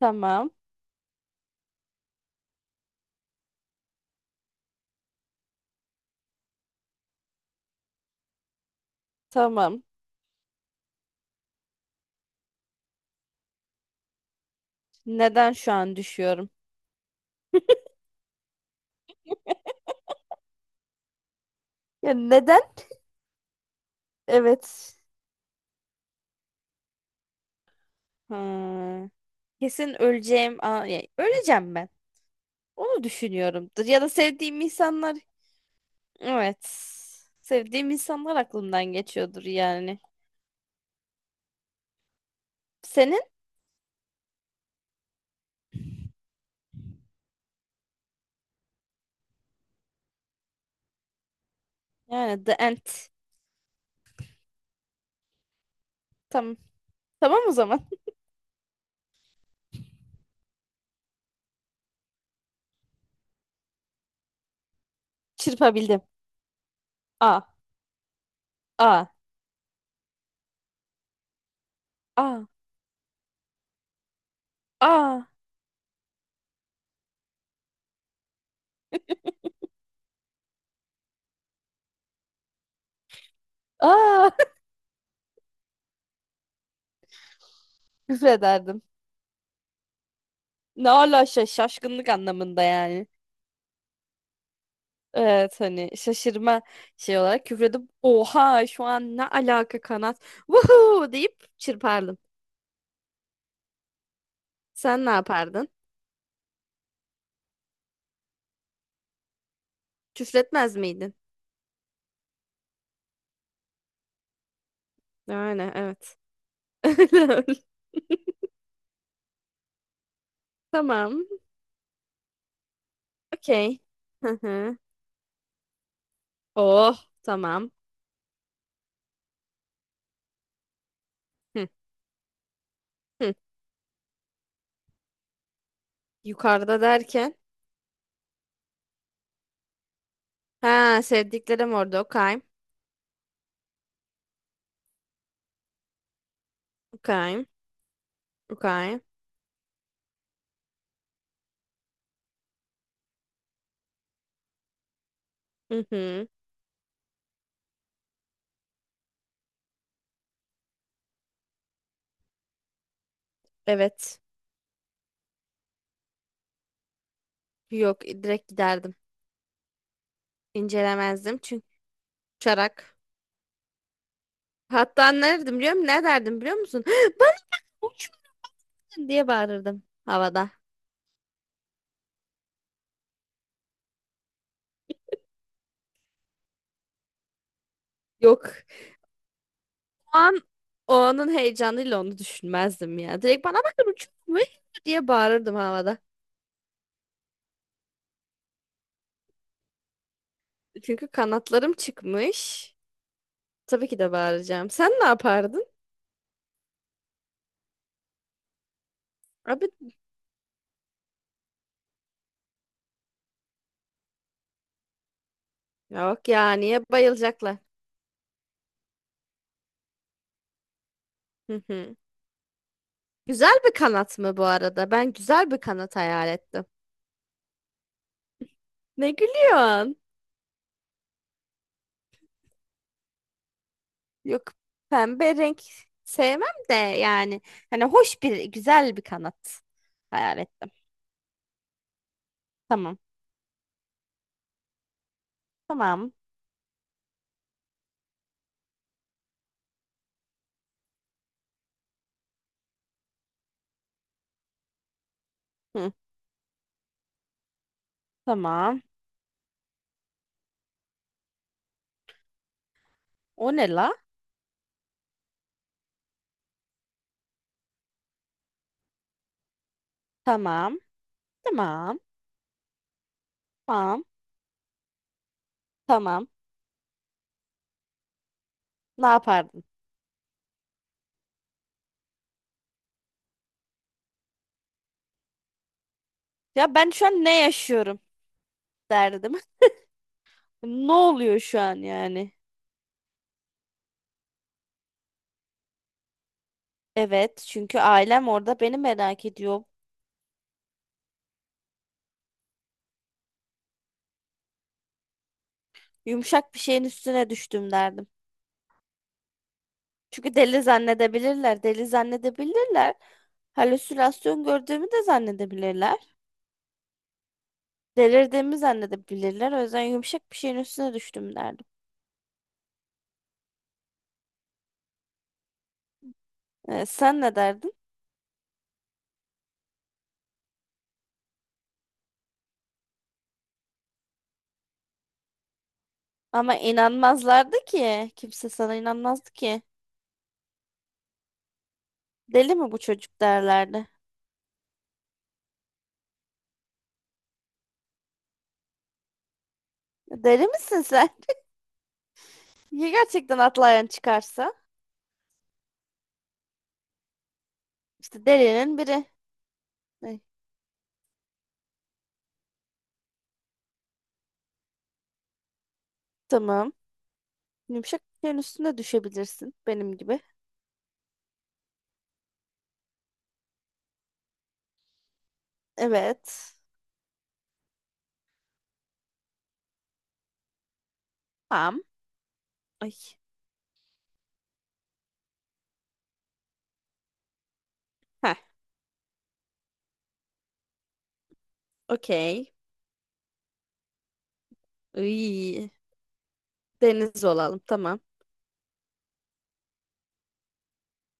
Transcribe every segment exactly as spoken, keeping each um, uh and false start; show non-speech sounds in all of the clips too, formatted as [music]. Tamam. Tamam. Neden şu an düşüyorum? Ya neden? Evet. Ha, kesin öleceğim. Aa, ya, öleceğim ben. Onu düşünüyorumdur. Ya da sevdiğim insanlar. Evet. Sevdiğim insanlar aklımdan geçiyordur yani. Senin? Yani The End. Tamam. Tamam o zaman. [laughs] Çırpabildim. A. A. A. A. A. [laughs] Küfrederdim. Ne ala şa- şaşkınlık anlamında yani. Evet, hani şaşırma şey olarak küfredip oha şu an ne alaka kanat, vuhuu deyip çırpardım. Sen ne yapardın? Küfretmez miydin? Yani evet. [laughs] Tamam. Okey. Hı hı. Oh tamam. Hı, hı. Yukarıda derken? Ha, sevdiklerim orada. Okey. Okey. Okey. Hı hı. Evet. Yok, direkt giderdim. İncelemezdim çünkü uçarak. Hatta ne derdim biliyor musun? Ne derdim biliyor musun? [gasps] Bana uçmadın diye bağırırdım havada. Yok. O an, o anın heyecanıyla onu düşünmezdim ya. Direkt bana bakın uçuyor diye bağırırdım havada. Çünkü kanatlarım çıkmış. Tabii ki de bağıracağım. Sen ne yapardın? Abi yok ya, niye bayılacaklar? Hı hı. Güzel bir kanat mı bu arada? Ben güzel bir kanat hayal ettim. Ne gülüyorsun? Yok, pembe renk sevmem de yani, hani hoş bir, güzel bir kanat hayal ettim. Tamam. Tamam. Hı, tamam. O ne la? Tamam. Tamam. Tamam. Tamam. Ne yapardın? Ya ben şu an ne yaşıyorum derdim. [laughs] Ne oluyor şu an yani? Evet, çünkü ailem orada beni merak ediyor. Yumuşak bir şeyin üstüne düştüm derdim. Çünkü deli zannedebilirler, deli zannedebilirler. Halüsinasyon gördüğümü de zannedebilirler. Delirdiğimi zannedebilirler. O yüzden yumuşak bir şeyin üstüne düştüm derdim. Ee, sen ne derdin? Ama inanmazlardı ki. Kimse sana inanmazdı ki. Deli mi bu çocuk derlerdi. Deli misin sen? [laughs] Ya gerçekten atlayan çıkarsa? İşte delinin biri. Ay, tamam. Yumuşak bir şeyin üstüne düşebilirsin. Benim gibi. Evet. Tamam. Ay. Heh. Okey. Iy. Deniz olalım. Tamam.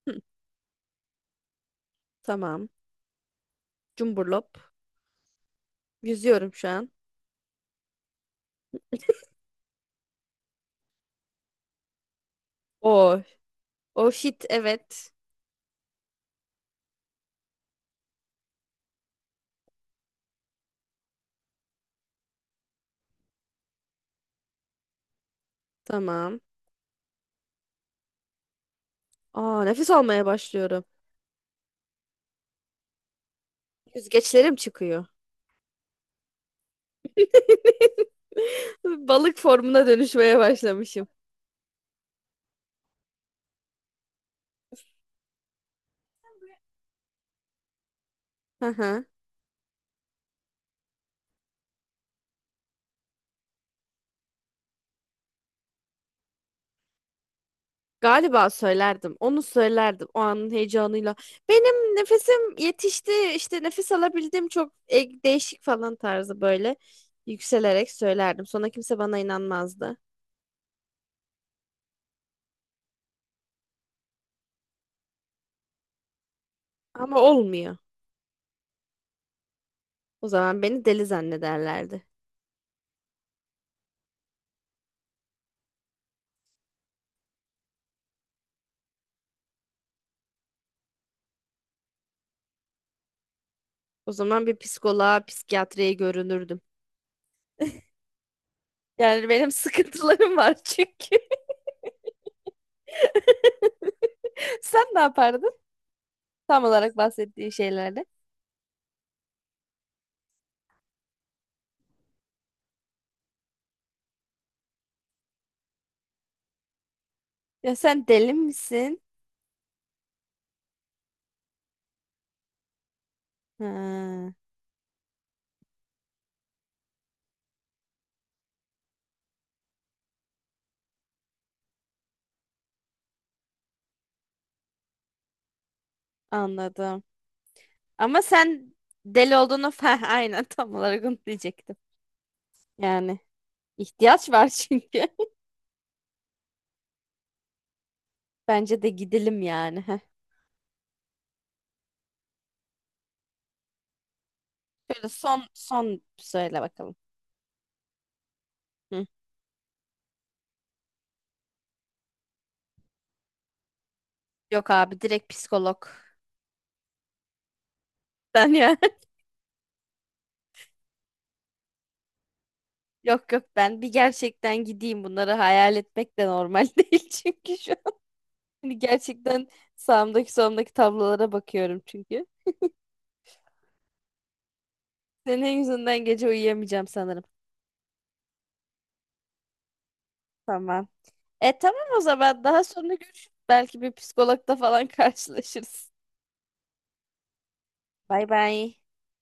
[laughs] Hı, tamam. Cumburlop. Yüzüyorum şu an. O O shit, evet. Tamam. Aa, nefes almaya başlıyorum. Yüzgeçlerim çıkıyor. [laughs] Balık formuna dönüşmeye başlamışım. Hı hı. Galiba söylerdim. Onu söylerdim o anın heyecanıyla. Benim nefesim yetişti. İşte nefes alabildim, çok e- değişik falan tarzı, böyle yükselerek söylerdim. Sonra kimse bana inanmazdı. Ama olmuyor. O zaman beni deli zannederlerdi. O zaman bir psikoloğa, psikiyatriye görünürdüm. Yani benim sıkıntılarım var çünkü. [laughs] Sen ne yapardın? Tam olarak bahsettiğin şeylerde. Ya sen deli misin? Ha, anladım. Ama sen deli olduğunu [laughs] falan, aynen tam olarak onu diyecektim. Yani ihtiyaç var çünkü. [laughs] Bence de gidelim yani. Heh. Şöyle son son söyle bakalım. Hı. Yok abi, direkt psikolog. Ben ya. [laughs] Yok yok, ben bir gerçekten gideyim, bunları hayal etmek de normal [laughs] değil çünkü şu, hani gerçekten sağımdaki solumdaki tablolara bakıyorum çünkü. Senin yüzünden gece uyuyamayacağım sanırım. Tamam. E tamam, o zaman daha sonra görüşürüz. Belki bir psikologla falan [laughs] karşılaşırız. Bay bay.